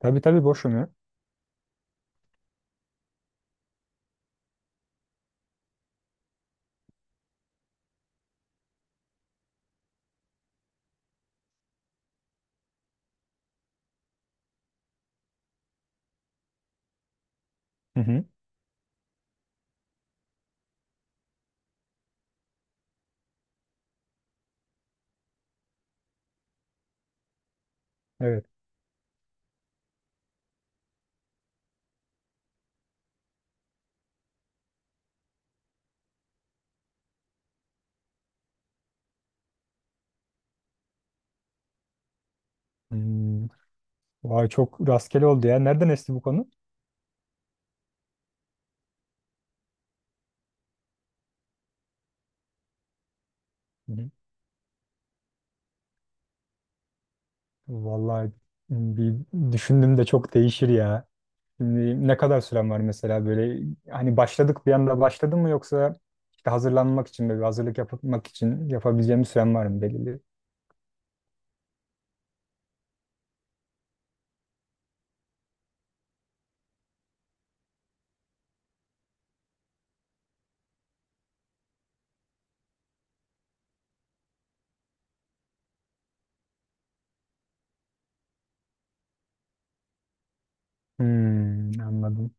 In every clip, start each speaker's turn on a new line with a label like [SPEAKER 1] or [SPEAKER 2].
[SPEAKER 1] Tabii tabii, boşum ya. Hı hı. Evet. Hmm. Vay, çok rastgele oldu ya. Nereden esti bu konu? Hı hı. Vallahi bir düşündüm de çok değişir ya. Şimdi ne kadar süren var mesela? Böyle hani başladık, bir anda başladın mı, yoksa işte hazırlanmak için, böyle bir hazırlık yapmak için yapabileceğim bir süren var mı belirli? Hmm, anladım.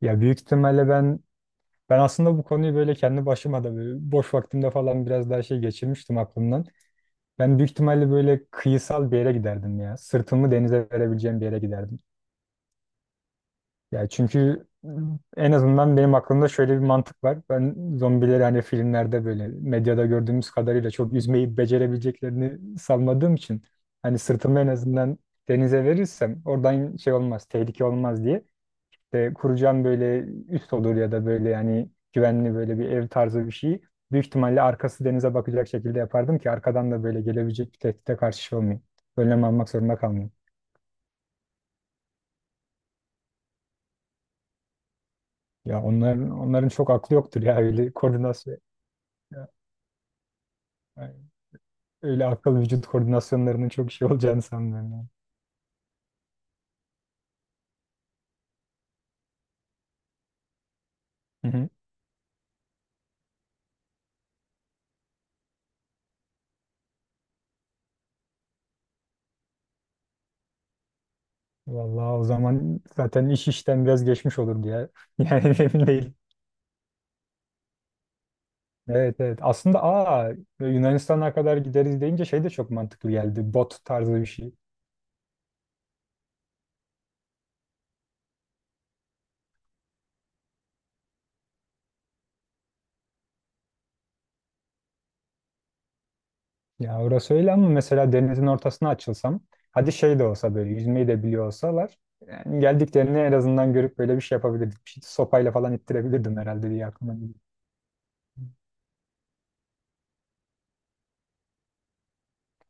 [SPEAKER 1] Ya büyük ihtimalle ben aslında bu konuyu böyle kendi başıma da, böyle boş vaktimde falan, biraz daha şey geçirmiştim aklımdan. Ben büyük ihtimalle böyle kıyısal bir yere giderdim ya. Sırtımı denize verebileceğim bir yere giderdim. Ya çünkü en azından benim aklımda şöyle bir mantık var. Ben zombileri, hani filmlerde, böyle medyada gördüğümüz kadarıyla çok yüzmeyi becerebileceklerini sanmadığım için hani sırtımı en azından denize verirsem oradan şey olmaz, tehlike olmaz diye. İşte kuracağım böyle üst olur ya da böyle yani güvenli, böyle bir ev tarzı bir şey. Büyük ihtimalle arkası denize bakacak şekilde yapardım ki arkadan da böyle gelebilecek bir tehdide karşı şey olmayayım, önlem almak zorunda kalmayayım. Ya onların çok aklı yoktur ya, öyle koordinasyon, ya, yani öyle akıl vücut koordinasyonlarının çok şey olacağını sanmıyorum. Yani. Hı hı. Vallahi o zaman zaten iş işten biraz geçmiş olurdu ya. Yani emin değilim. Evet, evet. Aslında aa, Yunanistan'a kadar gideriz deyince şey de çok mantıklı geldi. Bot tarzı bir şey. Ya orası öyle ama mesela denizin ortasına açılsam, hadi şey de olsa, böyle yüzmeyi de biliyor olsalar, yani geldiklerini en azından görüp böyle bir şey yapabilirdik. Bir şey, sopayla falan ittirebilirdim herhalde diye aklıma geliyor.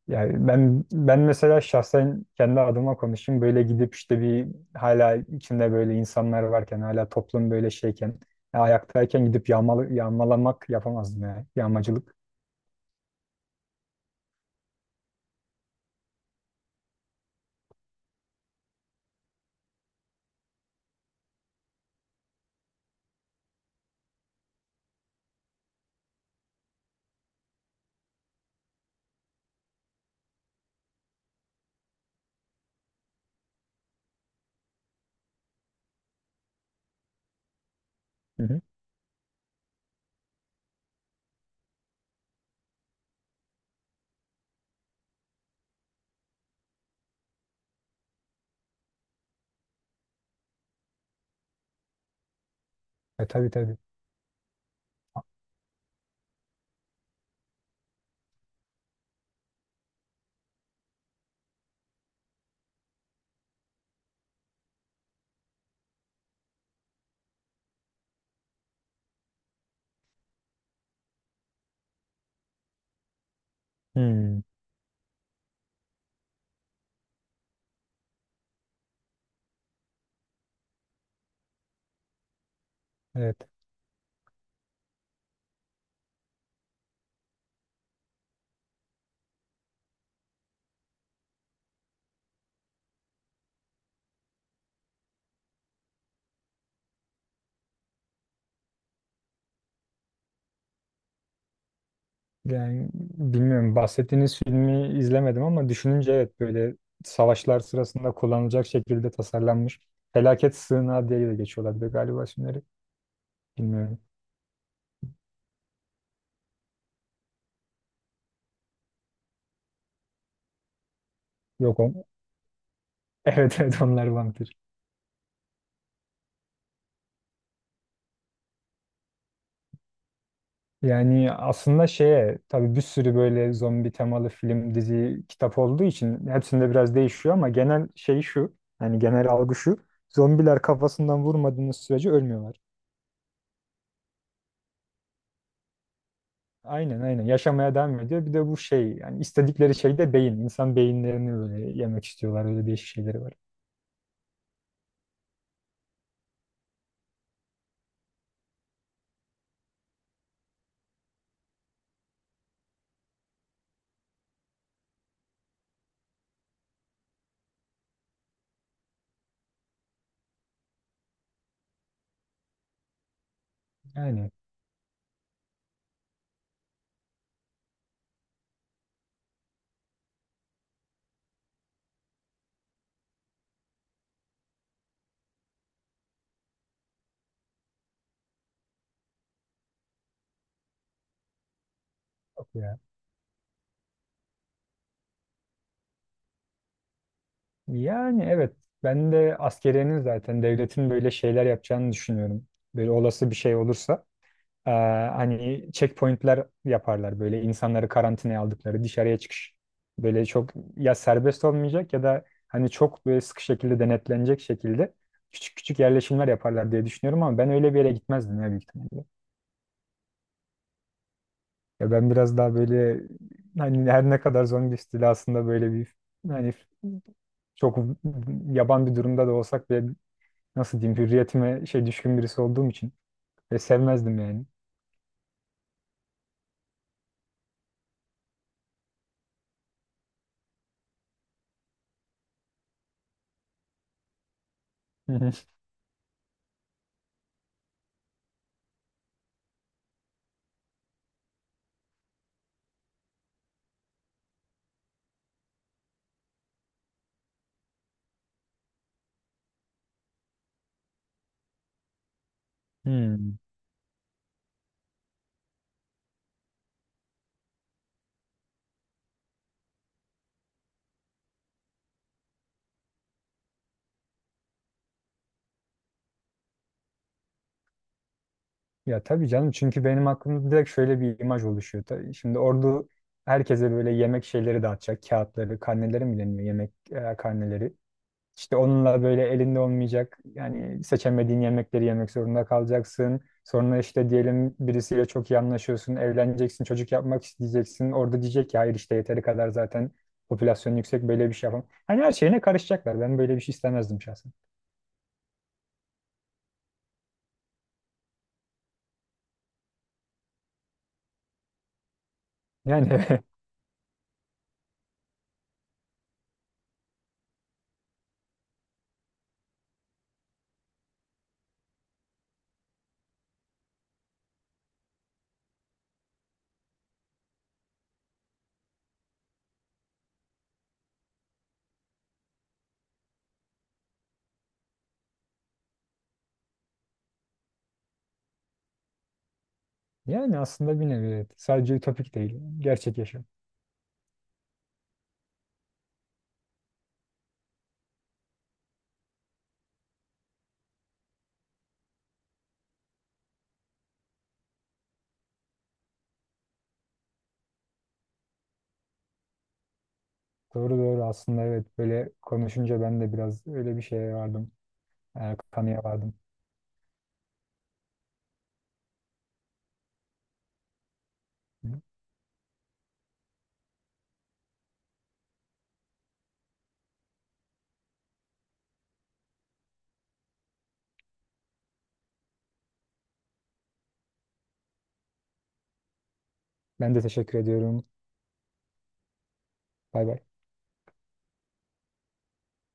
[SPEAKER 1] Yani ben mesela şahsen kendi adıma konuşayım, böyle gidip işte bir, hala içinde böyle insanlar varken, hala toplum böyle şeyken ya ayaktayken gidip yağmalı, yağmalamak yapamazdım ya. Yağmacılık. Hı hı. E tabii, tabii. Hmm, evet. Yani bilmiyorum, bahsettiğiniz filmi izlemedim ama düşününce evet, böyle savaşlar sırasında kullanılacak şekilde tasarlanmış. Felaket sığınağı diye de geçiyorlar bir de galiba isimleri. Bilmiyorum. Yok on. Evet, evet, onlar vampir. Yani aslında şeye, tabii bir sürü böyle zombi temalı film, dizi, kitap olduğu için hepsinde biraz değişiyor ama genel şey şu. Yani genel algı şu: zombiler kafasından vurmadığınız sürece ölmüyorlar. Aynen, aynen, yaşamaya devam ediyor. Bir de bu şey, yani istedikleri şey de beyin. İnsan beyinlerini böyle yemek istiyorlar. Öyle değişik şeyleri var. Yani yok ya. Yani evet, ben de askeriyenin, zaten devletin böyle şeyler yapacağını düşünüyorum. Böyle olası bir şey olursa eee, hani checkpointler yaparlar, böyle insanları karantinaya aldıkları dışarıya çıkış. Böyle çok ya serbest olmayacak ya da hani çok böyle sıkı şekilde denetlenecek şekilde küçük küçük yerleşimler yaparlar diye düşünüyorum ama ben öyle bir yere gitmezdim ya, büyük ihtimalle. Ya ben biraz daha böyle, hani her ne kadar zombi istilasında böyle bir, hani, çok yaban bir durumda da olsak bile, nasıl diyeyim, hürriyetime şey düşkün birisi olduğum için ve sevmezdim yani. Hı hı. Hmm. Ya tabii canım, çünkü benim aklımda direkt şöyle bir imaj oluşuyor. Tabii şimdi ordu herkese böyle yemek şeyleri dağıtacak. Kağıtları, karneleri mi deniyor? Yemek karneleri. İşte onunla böyle elinde olmayacak, yani seçemediğin yemekleri yemek zorunda kalacaksın. Sonra işte, diyelim birisiyle çok iyi anlaşıyorsun, evleneceksin, çocuk yapmak isteyeceksin. Orada diyecek ki hayır, işte yeteri kadar zaten popülasyon yüksek, böyle bir şey yapamam. Hani her şeyine karışacaklar. Ben böyle bir şey istemezdim şahsen. Yani yani aslında bir nevi evet. Sadece ütopik değil, gerçek yaşam. Doğru, doğru, aslında evet, böyle konuşunca ben de biraz öyle bir şeye vardım. E, kanıya vardım. Ben de teşekkür ediyorum. Bay bay.